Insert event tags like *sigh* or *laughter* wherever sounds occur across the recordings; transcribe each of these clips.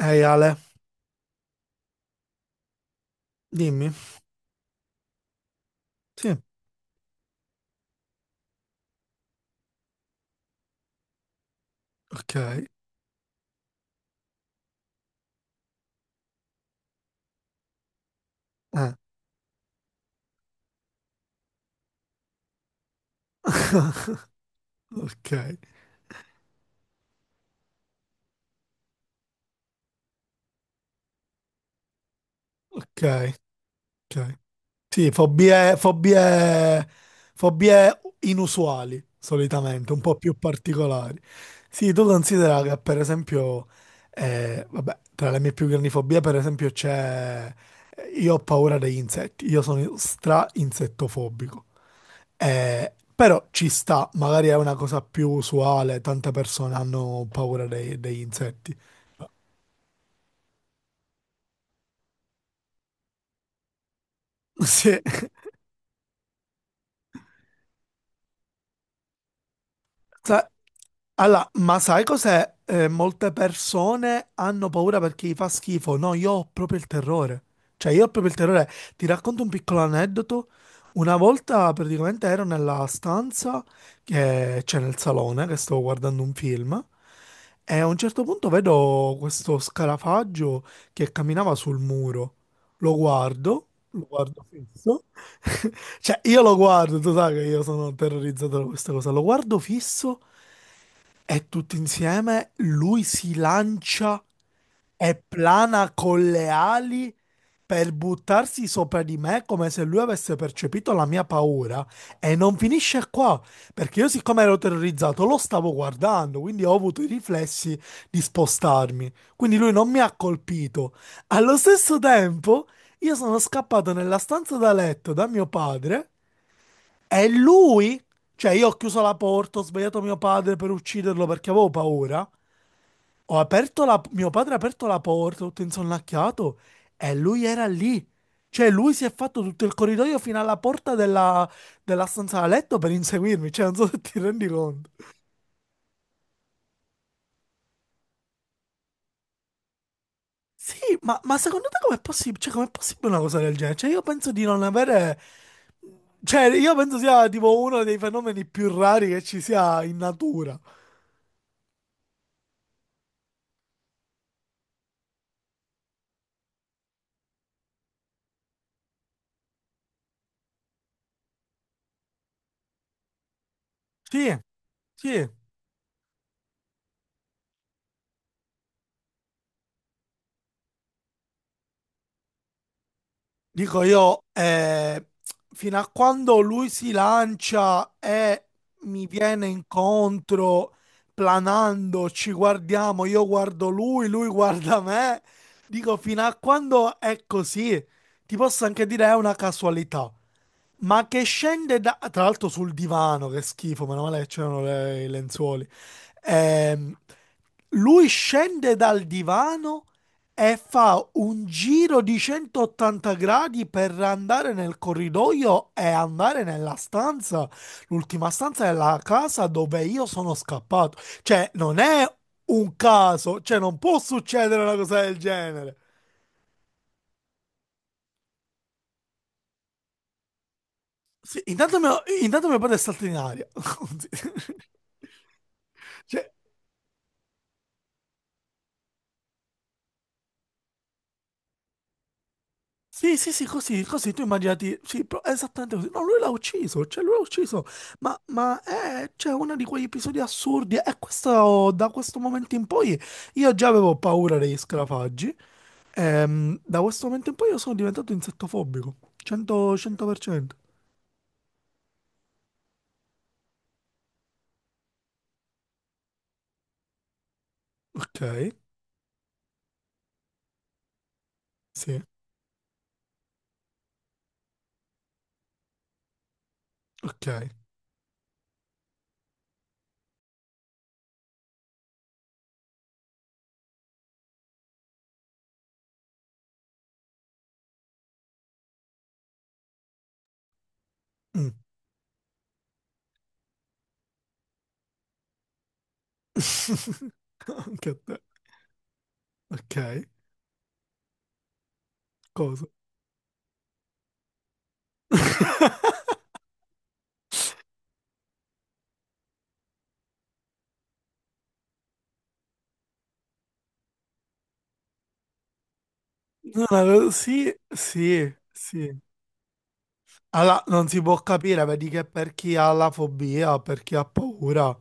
Ehi Ale, dimmi. Sì, ok. Eh. *laughs* Ok, ok, ok. Sì, fobie, fobie, fobie inusuali, solitamente, un po' più particolari. Sì, tu considera che per esempio, tra le mie più grandi fobie, per esempio, c'è... Io ho paura degli insetti, io sono stra-insettofobico. Però ci sta, magari è una cosa più usuale, tante persone hanno paura degli insetti. *laughs* Sì. Sa- Allora, ma sai cos'è? Molte persone hanno paura perché gli fa schifo. No, io ho proprio il terrore. Cioè, io ho proprio il terrore. Ti racconto un piccolo aneddoto. Una volta praticamente ero nella stanza che c'è nel salone, che stavo guardando un film, e a un certo punto vedo questo scarafaggio che camminava sul muro. Lo guardo fisso. *laughs* Cioè, io lo guardo, tu sai che io sono terrorizzato da questa cosa. Lo guardo fisso. E tutto insieme lui si lancia e plana con le ali per buttarsi sopra di me come se lui avesse percepito la mia paura. E non finisce qua, perché io siccome ero terrorizzato lo stavo guardando, quindi ho avuto i riflessi di spostarmi. Quindi lui non mi ha colpito. Allo stesso tempo, io sono scappato nella stanza da letto da mio padre è lui? Cioè, io ho chiuso la porta, ho svegliato mio padre per ucciderlo perché avevo paura. Ho aperto la... Mio padre ha aperto la porta, tutto insonnacchiato, e lui era lì. Cioè, lui si è fatto tutto il corridoio fino alla porta della, della stanza da letto per inseguirmi. Cioè, non so se ti rendi conto. Sì, ma secondo te com'è possibile? Cioè, com'è possibile una cosa del genere? Cioè, io penso di non avere... Cioè, io penso sia tipo uno dei fenomeni più rari che ci sia in natura. Sì, sì. Dico io, fino a quando lui si lancia e mi viene incontro planando, ci guardiamo, io guardo lui, lui guarda me. Dico, fino a quando è così, ti posso anche dire è una casualità. Ma che scende da... Tra l'altro sul divano, che schifo, meno male che c'erano i lenzuoli. Ehm, Lui scende dal divano e fa un giro di 180 gradi per andare nel corridoio e andare nella stanza, l'ultima stanza è la casa dove io sono scappato. Cioè, non è un caso, cioè non può succedere una cosa del genere. Sì, intanto mio padre è saltato in aria. *laughs* Cioè, sì, sì, sì, così, così, tu immaginati, sì, esattamente così. No, lui l'ha ucciso, cioè lui l'ha ucciso, ma è, cioè, uno di quegli episodi assurdi e questo, da questo momento in poi, io già avevo paura degli scarafaggi, da questo momento in poi io sono diventato insettofobico, 100, 100%. Ok, sì, ok. Mm. *laughs* Anche a te, ok, cosa? *laughs* No, no, sì, sì, sì. Non si può capire, vedi che per chi ha la fobia, per chi ha paura,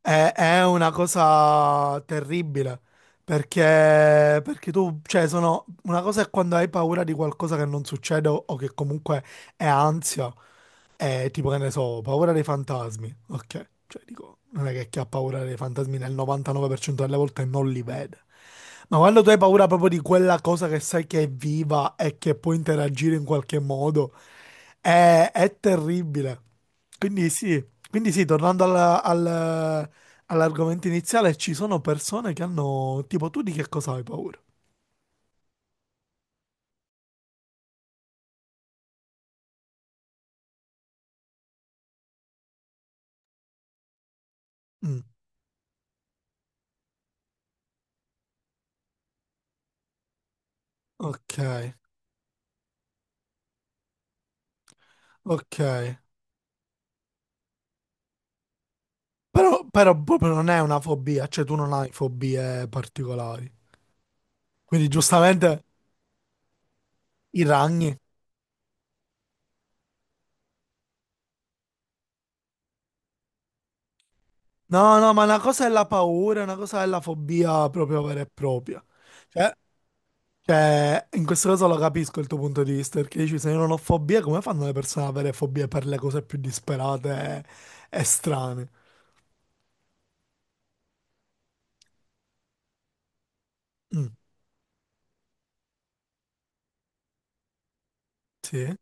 è una cosa terribile, perché tu, cioè, sono, una cosa è quando hai paura di qualcosa che non succede o che comunque è ansia, tipo che ne so, ho paura dei fantasmi. Ok, cioè dico, non è che chi ha paura dei fantasmi nel 99% delle volte non li vede. Ma quando tu hai paura proprio di quella cosa che sai che è viva e che può interagire in qualche modo, è terribile. Quindi sì, quindi sì, tornando all'argomento iniziale, ci sono persone che hanno, tipo, tu di che cosa hai paura? Mm, ok, ok. Però, però proprio non è una fobia, cioè tu non hai fobie particolari. Quindi giustamente i ragni. No, no, ma una cosa è la paura, una cosa è la fobia proprio vera e propria. Cioè, cioè, in questo caso lo capisco il tuo punto di vista, perché dici se io non ho fobie, come fanno le persone ad avere fobie per le cose più disperate e strane? Mm, sì,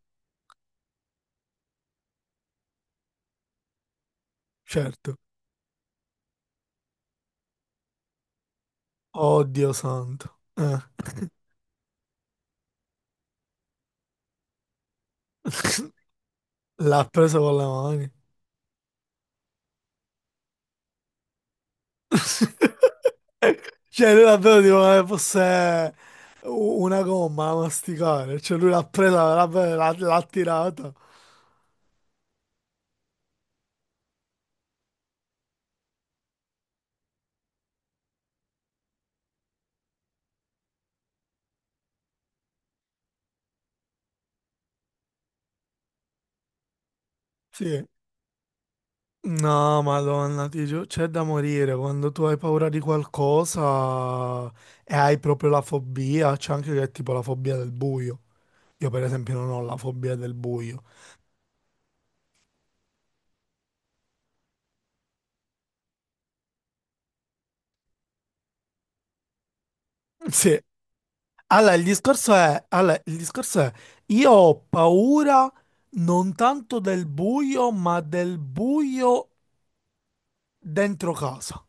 certo. Oddio santo. *laughs* L'ha preso con le mani. *laughs* Cioè, lui davvero tipo come fosse una gomma da masticare. Cioè, lui l'ha presa, l'ha tirata. Sì. No, Madonna, ti giuro, c'è da morire quando tu hai paura di qualcosa e hai proprio la fobia. C'è anche che è tipo la fobia del buio. Io, per esempio, non ho la fobia del buio. *laughs* Sì. Allora, il discorso è, io ho paura non tanto del buio, ma del buio dentro casa.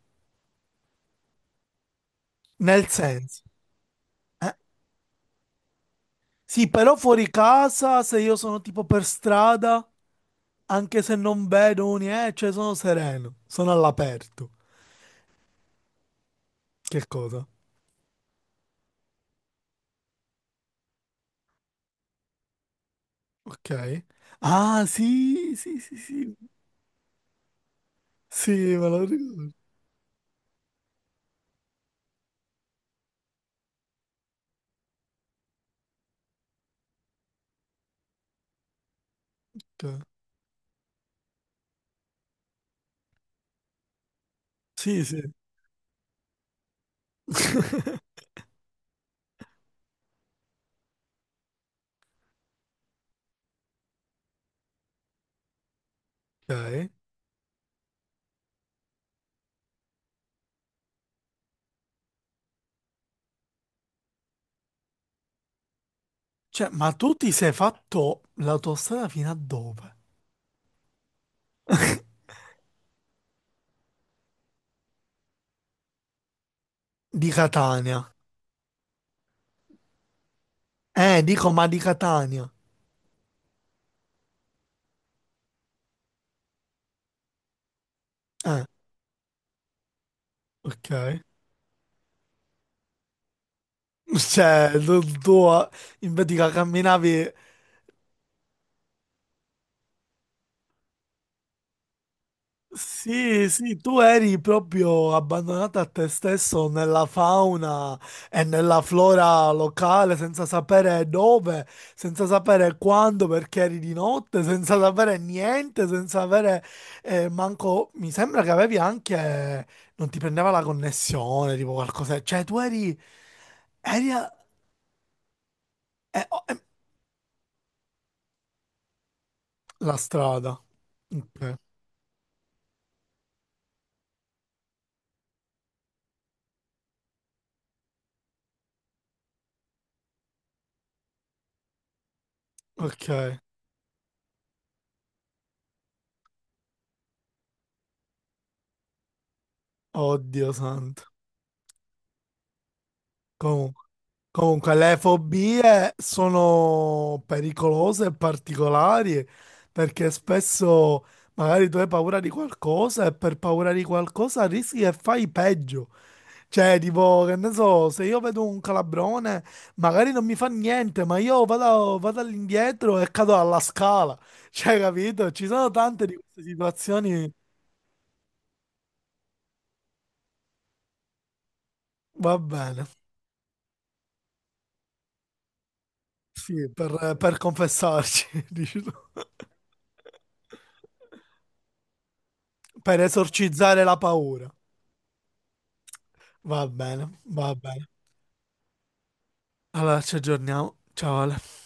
Nel senso, eh, sì, però fuori casa, se io sono tipo per strada, anche se non vedo niente, cioè sono sereno, sono all'aperto. Che cosa? Ok. Ah, sì, sì, sì, sì. Sì, me lo ricordo. Sì, sì. *laughs* Ok. Cioè, ma tu ti sei fatto l'autostrada fino a dove? Di Catania. Dico, ma di Catania. Eh, ok. *laughs* Cioè, tu, invece che camminavi. Sì, sì, tu eri proprio abbandonato a te stesso nella fauna e nella flora locale, senza sapere dove, senza sapere quando, perché eri di notte, senza sapere niente, senza avere manco... Mi sembra che avevi anche... non ti prendeva la connessione, tipo qualcosa. Cioè, tu eri... eri a- oh, la strada. Ok, ok. Oddio santo. Comunque, le fobie sono pericolose e particolari perché spesso magari tu hai paura di qualcosa e per paura di qualcosa rischi che fai peggio. Cioè, tipo, che ne so, se io vedo un calabrone, magari non mi fa niente, ma io vado, vado all'indietro e cado alla scala. *laughs* Cioè, capito? Ci sono tante di queste situazioni. Va bene, sì, per confessarci, *laughs* dici tu. Per esorcizzare la paura. Va bene, va bene. Allora ci aggiorniamo. Ciao Ale.